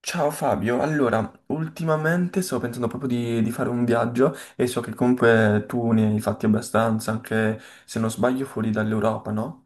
Ciao Fabio, allora, ultimamente sto pensando proprio di fare un viaggio e so che comunque tu ne hai fatti abbastanza, anche se non sbaglio fuori dall'Europa, no?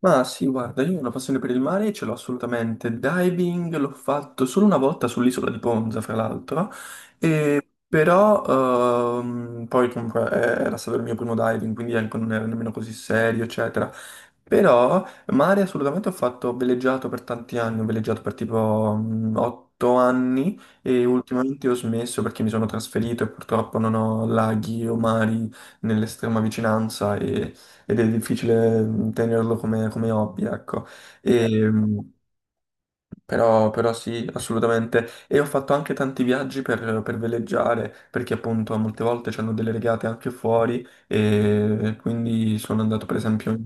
Ma sì, guarda, io ho una passione per il mare e ce l'ho assolutamente. Diving l'ho fatto solo una volta sull'isola di Ponza, fra l'altro, però poi comunque era stato il mio primo diving, quindi anche non era nemmeno così serio, eccetera. Però mare assolutamente ho fatto, ho veleggiato per tanti anni, ho veleggiato per tipo 8 anni e ultimamente ho smesso perché mi sono trasferito e purtroppo non ho laghi o mari nell'estrema vicinanza ed è difficile tenerlo come hobby, ecco. Certo. E, però sì, assolutamente. E ho fatto anche tanti viaggi per veleggiare, perché appunto molte volte c'hanno delle regate anche fuori, e quindi sono andato per esempio in.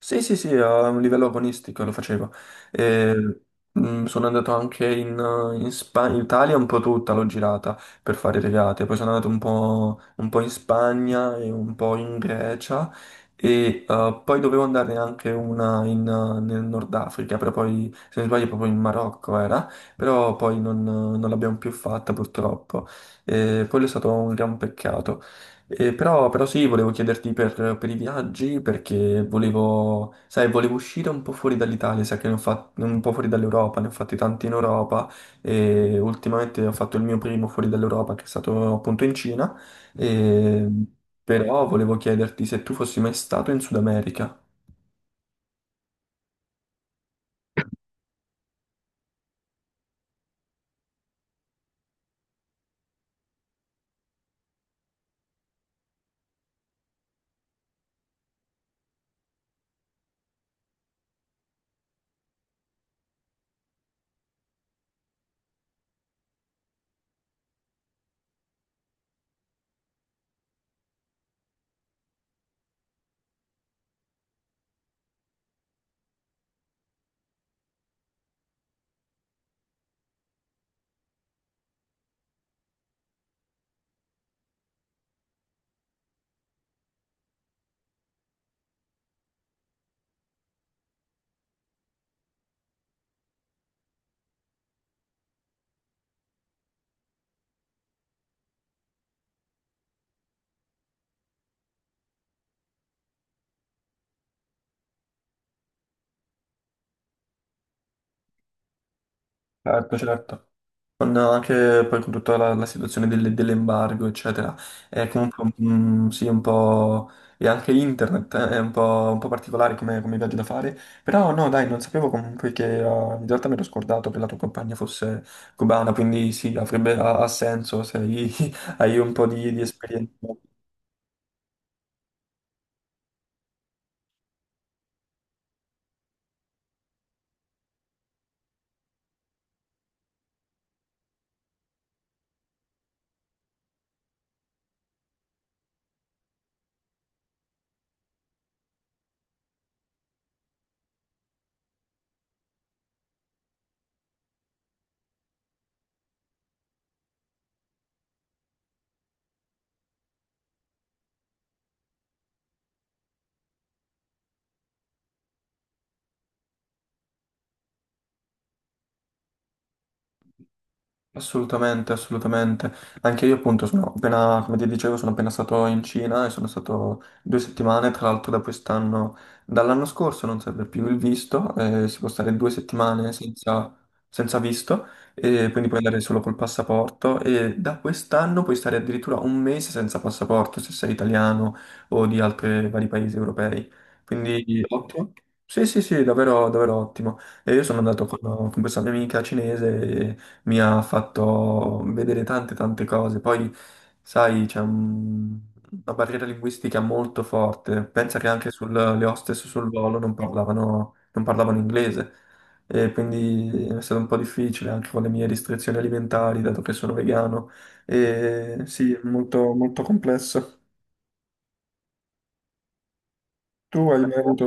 Sì, sì, sì, a un livello agonistico lo facevo. E, sono andato anche in Italia un po' tutta, l'ho girata per fare regate. Poi sono andato un po' in Spagna e un po' in Grecia e poi dovevo andare anche una in, nel Nord Africa, però poi, se non sbaglio, proprio in Marocco era, però poi non l'abbiamo più fatta purtroppo. E quello è stato un gran peccato. Però sì, volevo chiederti per i viaggi perché volevo, sai, volevo uscire un po' fuori dall'Italia, sai che ne ho fatti un po' fuori dall'Europa, ne ho fatti tanti in Europa e ultimamente ho fatto il mio primo fuori dall'Europa che è stato appunto in Cina, e, però volevo chiederti se tu fossi mai stato in Sud America. Certo, certo. Con anche poi con tutta la situazione dell'embargo, eccetera. È comunque un, sì, un po'. E anche internet è un po' particolare come viaggio da fare. Però no, dai, non sapevo comunque che in realtà mi ero scordato che la tua compagna fosse cubana, quindi sì, ha senso se hai hai un po' di esperienza. Assolutamente, assolutamente. Anche io appunto sono appena, come ti dicevo, sono appena stato in Cina e sono stato 2 settimane, tra l'altro da quest'anno, dall'anno scorso non serve più il visto, si può stare 2 settimane senza visto e quindi puoi andare solo col passaporto e da quest'anno puoi stare addirittura un mese senza passaporto se sei italiano o di altri vari paesi europei. Quindi ottimo. Sì, sì, sì, davvero, davvero ottimo. E io sono andato con questa mia amica cinese mi ha fatto vedere tante tante cose. Poi, sai, c'è una barriera linguistica molto forte. Pensa che anche le hostess sul volo non parlavano inglese. E quindi è stato un po' difficile anche con le mie restrizioni alimentari, dato che sono vegano. E sì, molto, molto complesso. Tu hai mai avuto.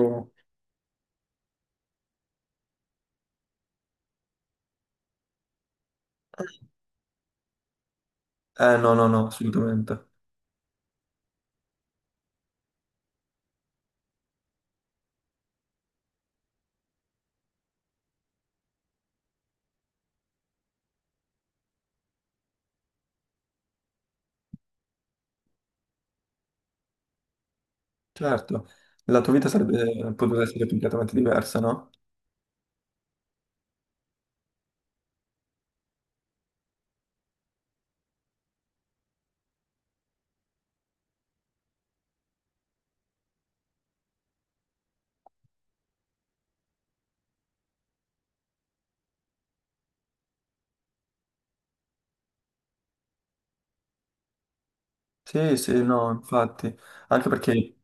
No, no, no, assolutamente. Certo, la tua vita sarebbe potuta essere completamente diversa, no? Sì, sì, no, infatti. Anche perché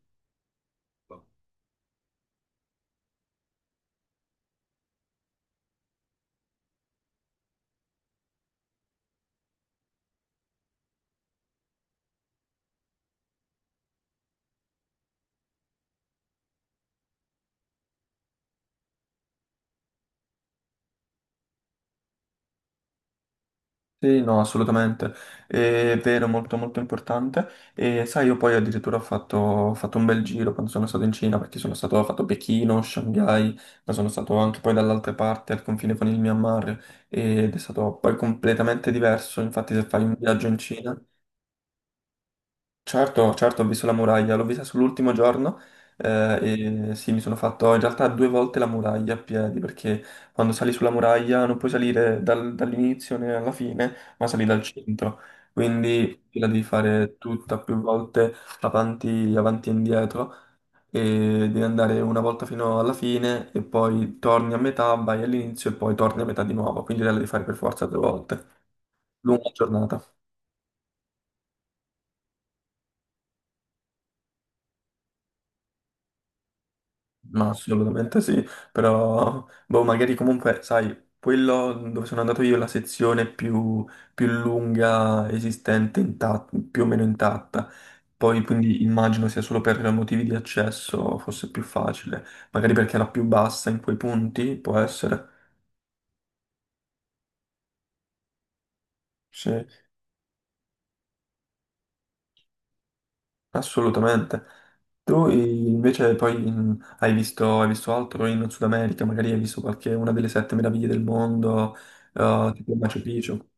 sì, no, assolutamente, è vero, molto molto importante. E sai, io poi addirittura ho fatto un bel giro quando sono stato in Cina, perché sono stato, ho fatto Pechino, Shanghai, ma sono stato anche poi dall'altra parte, al confine con il Myanmar, ed è stato poi completamente diverso. Infatti, se fai un viaggio in Cina, certo, certo, ho visto la muraglia, l'ho vista sull'ultimo giorno e sì, mi sono fatto in realtà due volte la muraglia a piedi perché quando sali sulla muraglia non puoi salire dall'inizio né alla fine, ma sali dal centro, quindi la devi fare tutta più volte avanti, avanti e indietro e devi andare una volta fino alla fine e poi torni a metà, vai all'inizio e poi torni a metà di nuovo, quindi la devi fare per forza due volte. Lunga giornata. Ma assolutamente sì, però boh, magari comunque, sai, quello dove sono andato io è la sezione più lunga esistente, intatta, più o meno intatta. Poi quindi immagino sia solo per motivi di accesso fosse più facile, magari perché è la più bassa in quei punti, può essere. Sì, assolutamente. Tu invece poi hai visto altro in Sud America, magari hai visto qualche una delle sette meraviglie del mondo, tipo Machu Picchu.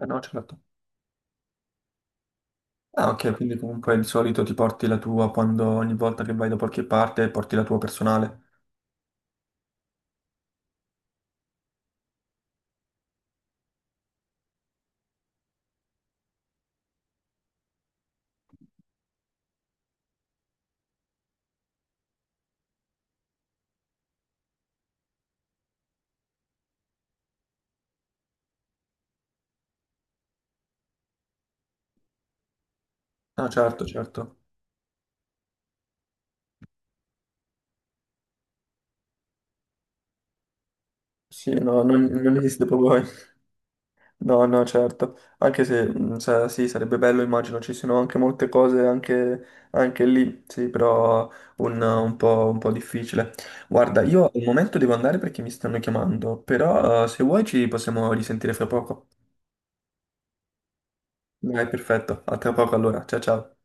Eh no, certo. Ah, ok, quindi comunque di solito ti porti la tua quando ogni volta che vai da qualche parte porti la tua personale. No, certo, certo. Sì, no, non esiste proprio. No, no, certo. Anche se, sì, sarebbe bello, immagino, ci siano anche molte cose anche, anche lì, sì, però un po' difficile. Guarda, io al momento devo andare perché mi stanno chiamando, però se vuoi ci possiamo risentire fra poco. Dai, perfetto. A tra poco allora. Ciao, ciao.